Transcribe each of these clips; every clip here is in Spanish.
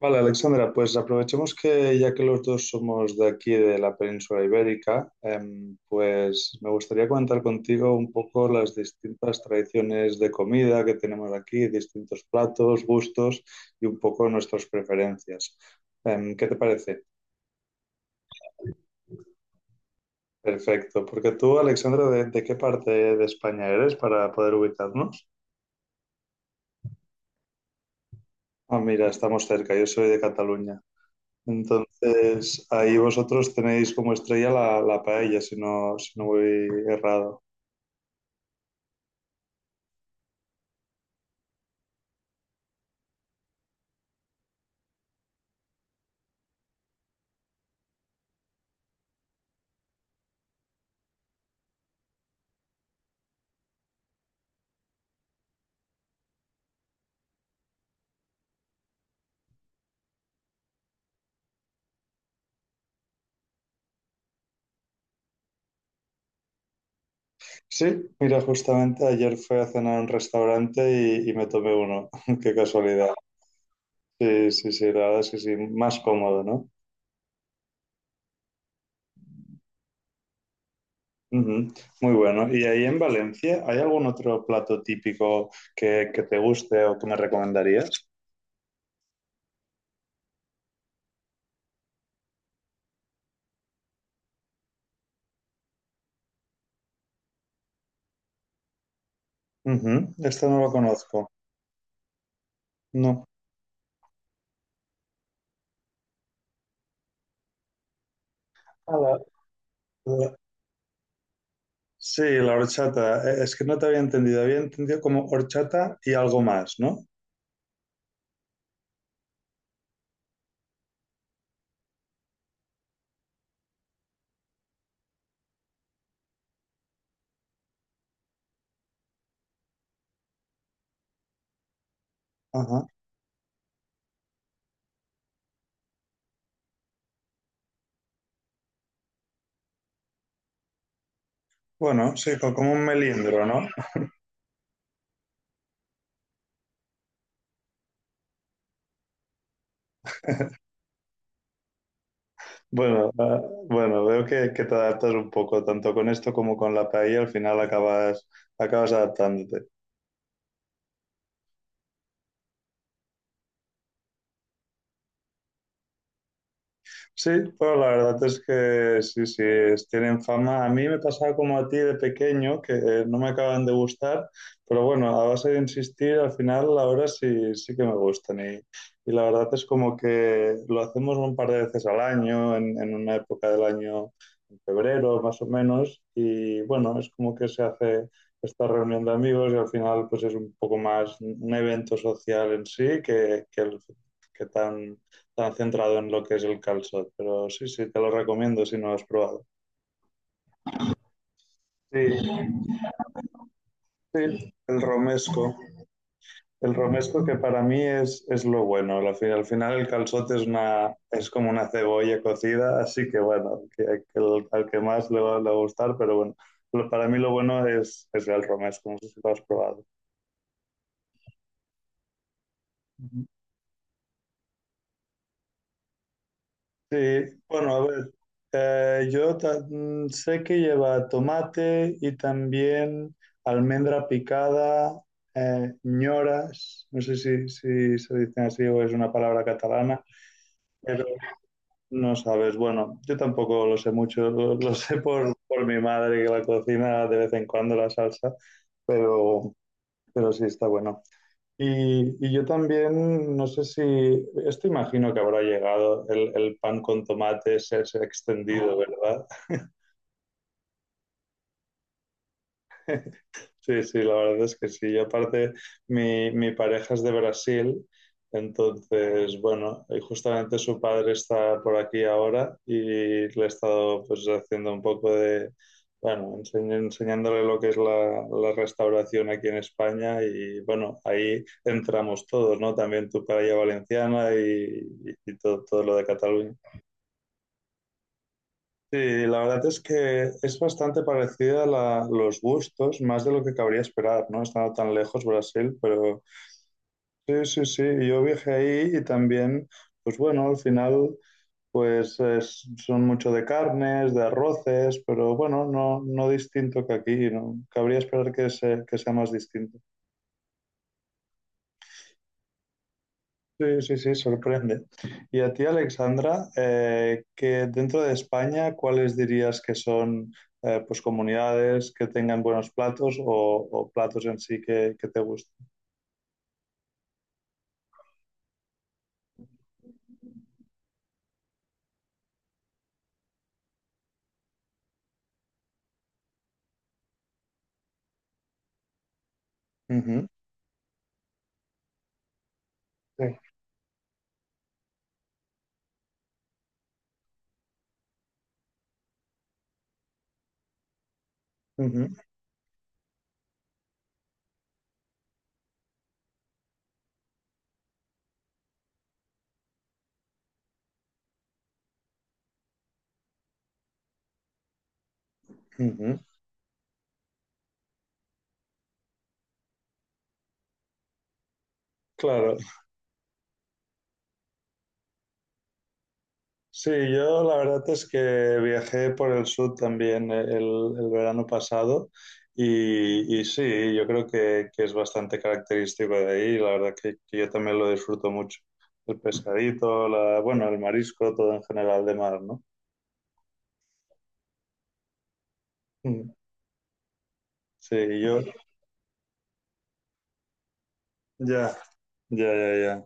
Vale, Alexandra, pues aprovechemos que ya que los dos somos de aquí, de la península ibérica, pues me gustaría comentar contigo un poco las distintas tradiciones de comida que tenemos aquí, distintos platos, gustos y un poco nuestras preferencias. ¿Qué te parece? Perfecto, porque tú, Alexandra, de qué parte de España eres para poder ubicarnos? Ah, mira, estamos cerca, yo soy de Cataluña. Entonces, ahí vosotros tenéis como estrella la paella, si no voy errado. Sí, mira, justamente ayer fui a cenar a un restaurante y me tomé uno. Qué casualidad. Sí, sí, sí, la verdad es que sí, más cómodo, ¿no? Ujú, muy bueno. ¿Y ahí en Valencia hay algún otro plato típico que te guste o que me recomendarías? Ujú, este no lo conozco. No. Ah, la, sí, la horchata. Es que no te había entendido. Había entendido como horchata y algo más, ¿no? Ajá. Bueno, sí, como un melindro, ¿no? Bueno, ah, bueno, veo que te adaptas un poco, tanto con esto como con la paella, al final acabas adaptándote. Sí, pero la verdad es que sí, sí, tienen fama. A mí me pasaba como a ti de pequeño, que no me acaban de gustar, pero bueno, a base de insistir, al final ahora sí, sí que me gustan. Y la verdad es como que lo hacemos un par de veces al año, en una época del año, en febrero más o menos, y bueno, es como que se hace esta reunión de amigos y al final pues es un poco más un evento social en sí que el- que tan está centrado en lo que es el calçot, pero sí, sí, te lo recomiendo si no lo has probado. Sí, sí, el romesco. El romesco que para mí es lo bueno. Al final el calçot es como una cebolla cocida, así que bueno, al que más le va a gustar, pero bueno, para mí lo bueno es el romesco, no sé si lo has probado. Sí, bueno, a ver, sé que lleva tomate y también almendra picada, ñoras, no sé si, si se dicen así o es una palabra catalana, pero no sabes, bueno, yo tampoco lo sé mucho, lo sé por mi madre que la cocina de vez en cuando la salsa, pero, pero sí está bueno. Y yo también, no sé si, esto imagino que habrá llegado el pan con tomate, se ha extendido, ¿verdad? Sí, sí, la verdad es que sí. Y aparte, mi pareja es de Brasil, entonces, bueno, y justamente su padre está por aquí ahora y le he estado pues haciendo un poco de, bueno, enseñándole lo que es la restauración aquí en España, y bueno, ahí entramos todos, ¿no? También tu paella valenciana y todo, todo lo de Cataluña. Sí, la verdad es que es bastante parecida a los gustos, más de lo que cabría esperar, ¿no? Estando tan lejos Brasil, pero sí, sí, sí, yo viajé ahí y también, pues bueno, al final, pues son mucho de carnes, de arroces, pero bueno, no, no distinto que aquí, ¿no? Cabría esperar que, que sea más distinto. Sí, sí, sí, sorprende. Y a ti, Alexandra, que dentro de España, ¿cuáles dirías que son pues comunidades que tengan buenos platos o platos en sí que te gusten? Ujú, sí. Ujú, ujú. Claro. Sí, yo la verdad es que viajé por el sur también el verano pasado y sí, yo creo que es bastante característico de ahí. La verdad que yo también lo disfruto mucho. El pescadito, la, bueno, el marisco, todo en general de mar, ¿no? Mm, sí, yo, ya, ya, ya, ya.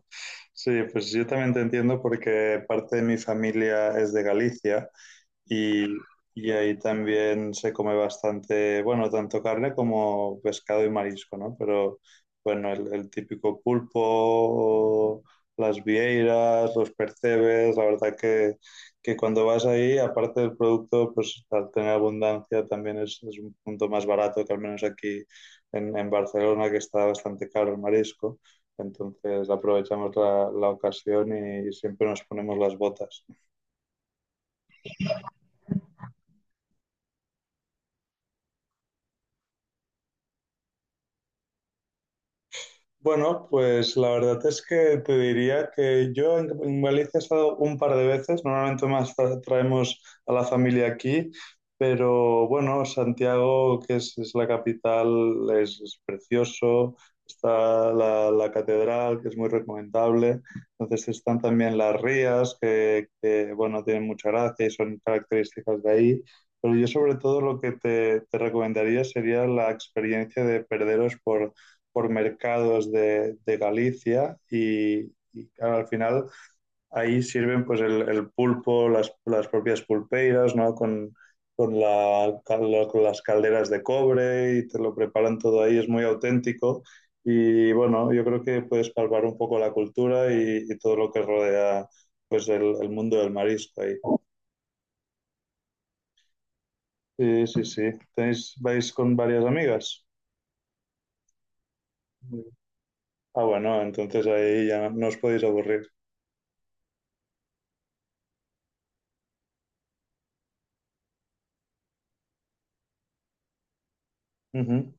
Sí, pues yo también te entiendo porque parte de mi familia es de Galicia. Y, y ahí también se come bastante, bueno, tanto carne como pescado y marisco, ¿no? Pero bueno, el típico pulpo, las vieiras, los percebes, la verdad que cuando vas ahí, aparte del producto, pues al tener abundancia también es un punto más barato que al menos aquí en Barcelona, que está bastante caro el marisco. Entonces aprovechamos la ocasión y siempre nos ponemos las botas. Bueno, pues la verdad es que te diría que yo en Galicia he estado un par de veces, normalmente más traemos a la familia aquí, pero bueno, Santiago, que es la capital, es precioso, está la catedral, que es muy recomendable, entonces están también las rías, que, bueno, tienen mucha gracia y son características de ahí, pero yo sobre todo lo que te recomendaría sería la experiencia de perderos por mercados de Galicia y claro, al final ahí sirven pues el pulpo, propias pulpeiras, ¿no? Con las calderas de cobre y te lo preparan todo ahí, es muy auténtico. Y bueno, yo creo que puedes palpar un poco la cultura y todo lo que rodea pues el mundo del marisco ahí. Sí, sí, sí. ¿Vais con varias amigas? Ah, bueno, entonces ahí ya no os podéis aburrir. Uh -huh.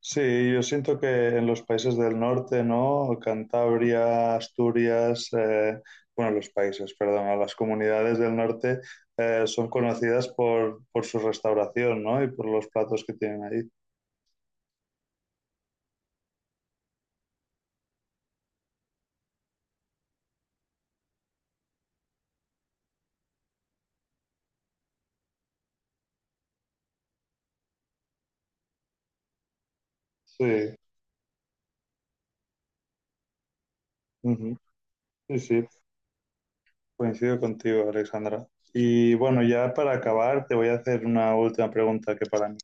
Sí, yo siento que en los países del norte, ¿no? Cantabria, Asturias, bueno, los países, perdón, las comunidades del norte son conocidas por su restauración, ¿no? Y por los platos que tienen ahí. Sí, ujú, sí, sí, coincido contigo, Alexandra. Y bueno, ya para acabar, te voy a hacer una última pregunta que para mí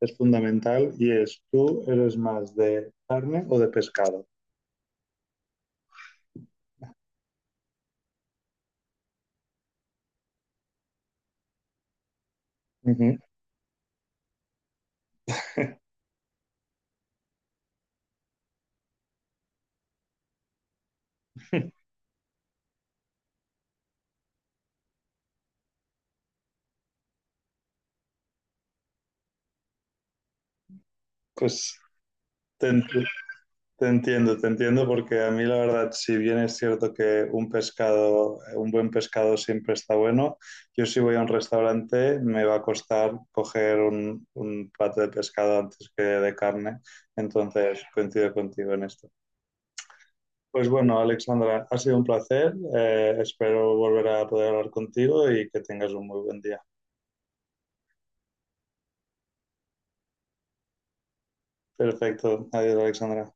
es fundamental y es, ¿tú eres más de carne o de pescado? Ujú. Pues te, te entiendo, porque a mí la verdad, si bien es cierto que un pescado, un buen pescado siempre está bueno, yo si voy a un restaurante me va a costar coger un plato de pescado antes que de carne, entonces coincido contigo en esto. Pues bueno, Alexandra, ha sido un placer, espero volver a poder hablar contigo y que tengas un muy buen día. Perfecto, adiós, Alexandra.